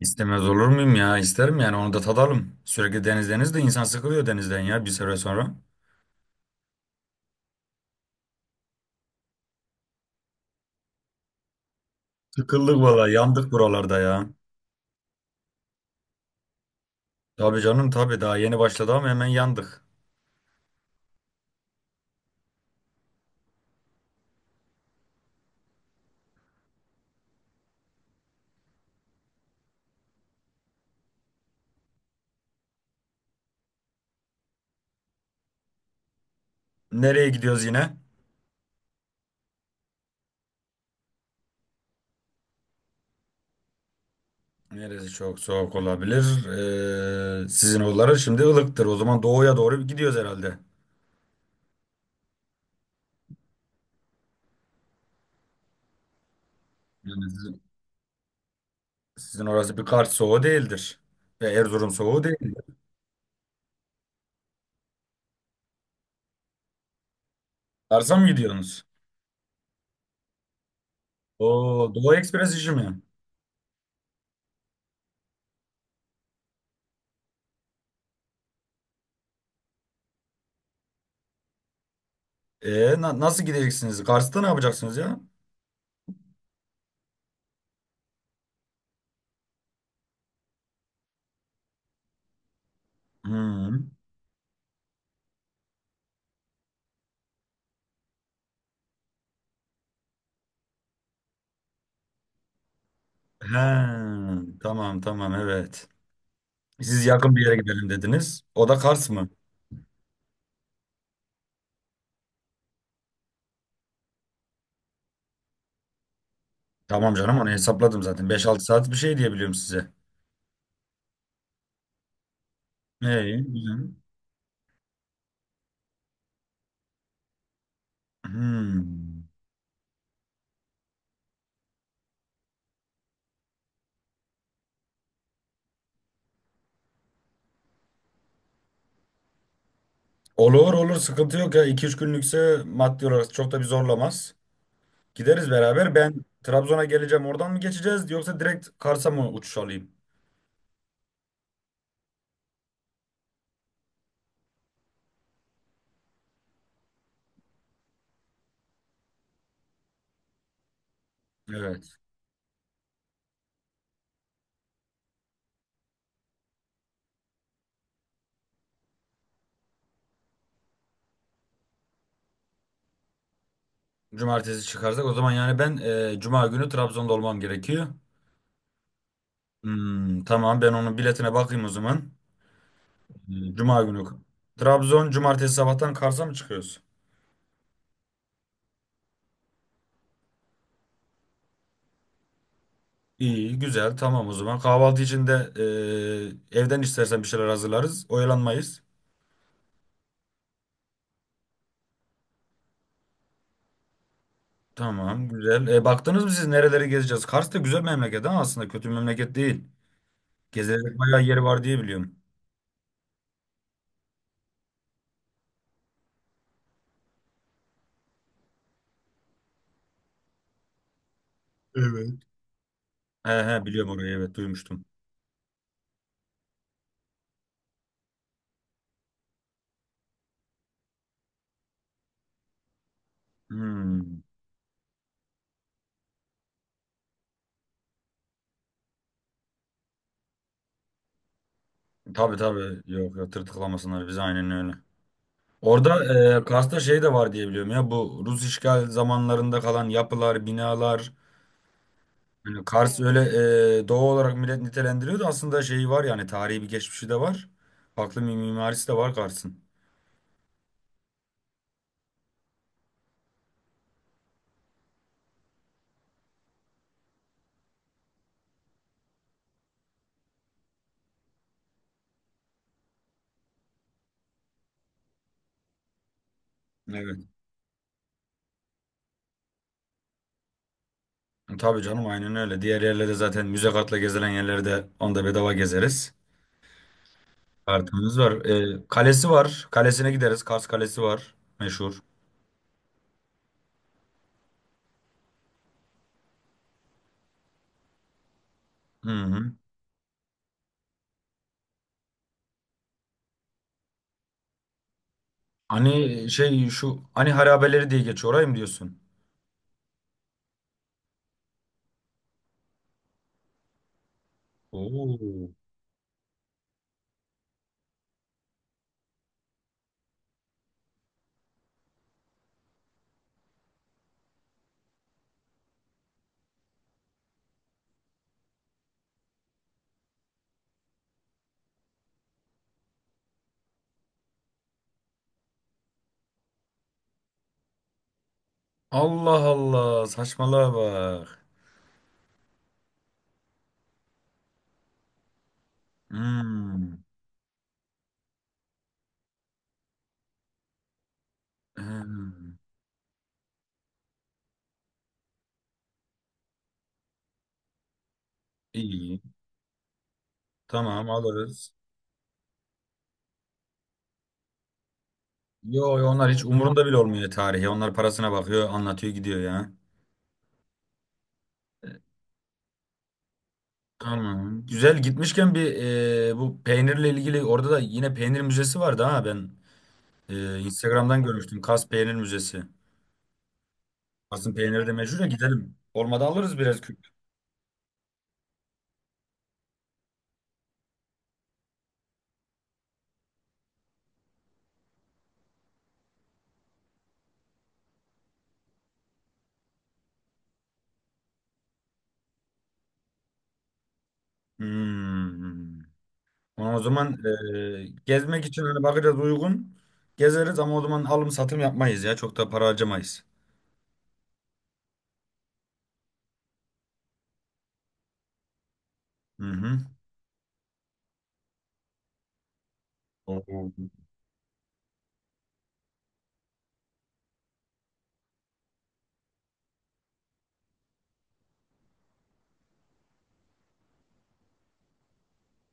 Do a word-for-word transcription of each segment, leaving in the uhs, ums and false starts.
İstemez olur muyum ya? İsterim yani onu da tadalım. Sürekli deniz deniz de insan sıkılıyor denizden ya bir süre sonra. Sıkıldık valla yandık buralarda ya. Tabii canım tabii daha yeni başladı ama hemen yandık. Nereye gidiyoruz yine? Neresi çok soğuk olabilir? Ee, sizin oraları şimdi ılıktır. O zaman doğuya doğru gidiyoruz herhalde. Yani sizin, sizin orası bir Kars soğuğu değildir. Ve Erzurum soğuğu değil. Kars'a mı gidiyorsunuz? Oo, Doğu Ekspres işi mi? E, na- nasıl gideceksiniz? Kars'ta ne yapacaksınız ya? Hmm. Ha, tamam tamam evet. Siz yakın bir yere gidelim dediniz. O da Kars mı? Tamam canım onu hesapladım zaten. Beş altı saat bir şey diye biliyorum size. İyi, güzel. Hmm. Olur olur sıkıntı yok ya. iki üç günlükse maddi olarak çok da bir zorlamaz. Gideriz beraber. Ben Trabzon'a geleceğim. Oradan mı geçeceğiz yoksa direkt Kars'a mı uçuş alayım? Evet. Cumartesi çıkarsak o zaman yani ben e, Cuma günü Trabzon'da olmam gerekiyor. Hmm, tamam ben onun biletine bakayım o zaman. Hmm, Cuma günü. Trabzon cumartesi sabahtan Kars'a mı çıkıyoruz? İyi, güzel. Tamam o zaman. Kahvaltı için de e, evden istersen bir şeyler hazırlarız. Oyalanmayız. Tamam, güzel. E, baktınız mı siz nereleri gezeceğiz? Kars da güzel memleket ama aslında kötü bir memleket değil. Gezilecek bayağı yeri var diye biliyorum. Evet. He he biliyorum orayı evet duymuştum. Hmm. Tabii tabii yok ya tırtıklamasınlar bizi aynen öyle. Orada e, Kars'ta şey de var diye biliyorum ya bu Rus işgal zamanlarında kalan yapılar, binalar. Yani Kars öyle e, doğu olarak millet nitelendiriyordu. Aslında şeyi var yani tarihi bir geçmişi de var. Farklı bir mimarisi de var Kars'ın. Evet. Tabii canım aynen öyle. Diğer yerlerde zaten müze kartla gezilen yerlerde onda bedava gezeriz. Kartımız var. E, kalesi var. Kalesine gideriz. Kars Kalesi var. Meşhur. Hı hı. Hani e, şey şu hani harabeleri diye geçiyor orayı mı diyorsun? Oo. Allah Allah saçmalığa bak. Hmm. Hmm. İyi. Tamam alırız. Yo, yo, onlar hiç umurunda bile olmuyor tarihi. Onlar parasına bakıyor, anlatıyor, gidiyor ya. Tamam. Güzel gitmişken bir e, bu peynirle ilgili orada da yine peynir müzesi vardı ha ben e, Instagram'dan görmüştüm. Kas Peynir Müzesi. Kas'ın peyniri de meşhur ya gidelim. Olmadı alırız biraz küp. Hmm. Ama o zaman e, gezmek için hani bakacağız uygun. Gezeriz ama o zaman alım satım yapmayız ya. Çok da para harcamayız. Hı hı. Oo.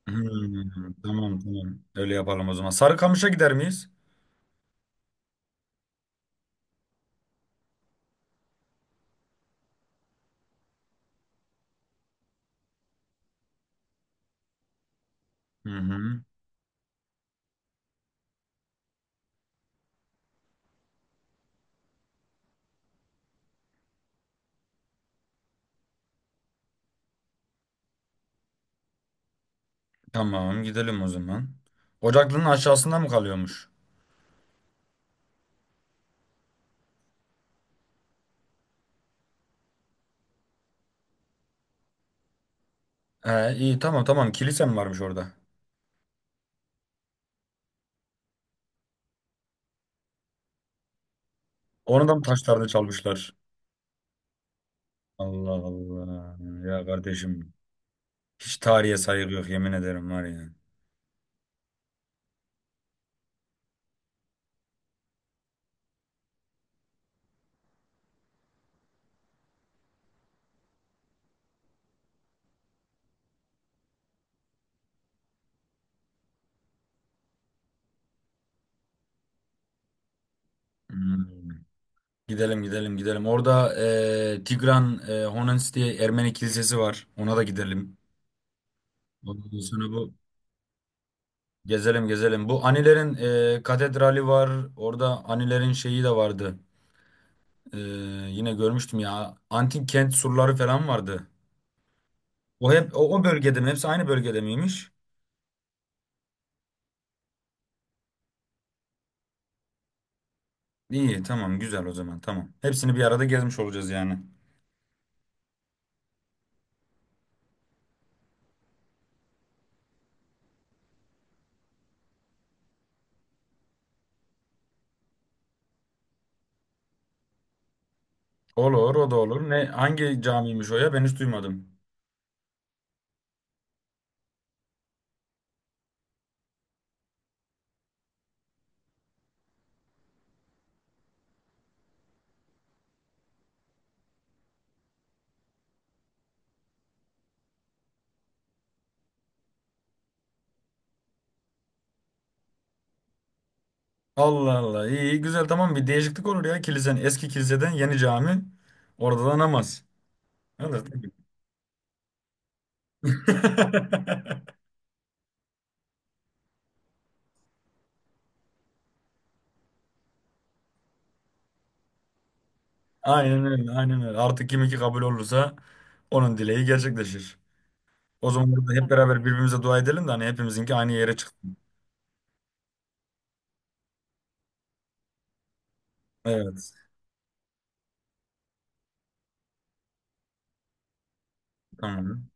Hmm, tamam tamam. Öyle yapalım o zaman. Sarıkamış'a gider miyiz? Hı hı. Tamam gidelim o zaman. Ocaklının aşağısında mı kalıyormuş? He iyi tamam tamam kilise mi varmış orada? Onu da mı taşlarda çalmışlar? Allah Allah. Ya kardeşim hiç tarihe saygı yok yemin ederim var ya. Hmm. Gidelim gidelim gidelim. Orada e, Tigran e, Honens diye Ermeni kilisesi var. Ona da gidelim. Ondan sonra bu. Gezelim gezelim. Bu Anilerin e, katedrali var. Orada Anilerin şeyi de vardı. E, Yine görmüştüm ya. Antik kent surları falan vardı. O hep o, o bölgede mi? Hepsi aynı bölgede miymiş? İyi tamam güzel o zaman tamam. Hepsini bir arada gezmiş olacağız yani. Olur o da olur. Ne hangi camiymiş o ya? Ben hiç duymadım. Allah Allah iyi iyi, güzel tamam bir değişiklik olur ya kilisen eski kiliseden yeni cami. Orada da namaz. Olur. Aynen öyle, aynen öyle. Artık kim iki kabul olursa onun dileği gerçekleşir. O zaman burada hep beraber birbirimize dua edelim de hani hepimizinki aynı yere çıktı. Evet, tamam.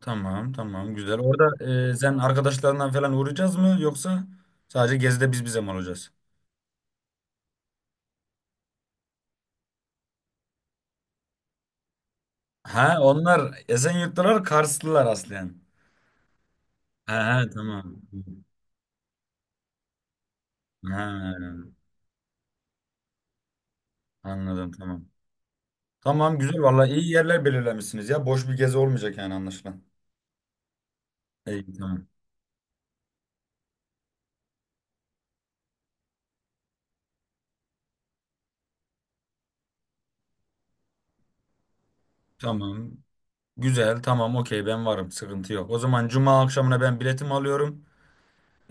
Tamam, tamam. Güzel. Orada e, sen arkadaşlarından falan uğrayacağız mı yoksa sadece gezide biz bize mi olacağız? Ha, onlar Esenyurtlular, Karslılar aslen. Ha, ha, tamam. Ha, anladım, tamam. Tamam, güzel. Vallahi iyi yerler belirlemişsiniz ya. Boş bir gezi olmayacak yani anlaşılan. İyi, tamam. Tamam. Güzel, tamam, okey, ben varım, sıkıntı yok. O zaman cuma akşamına ben biletimi alıyorum.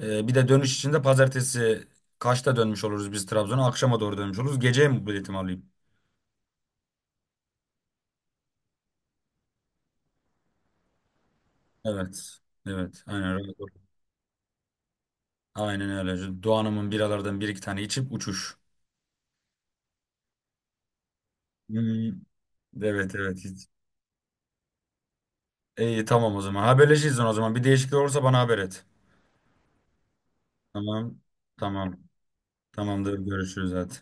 Ee, bir de dönüş için de pazartesi kaçta dönmüş oluruz biz Trabzon'a? Akşama doğru dönmüş oluruz. Geceye mi biletimi alayım? Evet, evet, aynen öyle. Aynen öyle. Doğan'ımın biralardan bir iki tane içip uçuş. Hmm, evet, evet. hiç- İyi, tamam o zaman. Haberleşiriz o zaman. Bir değişiklik olursa bana haber et. Tamam, tamam. Tamamdır, görüşürüz hadi.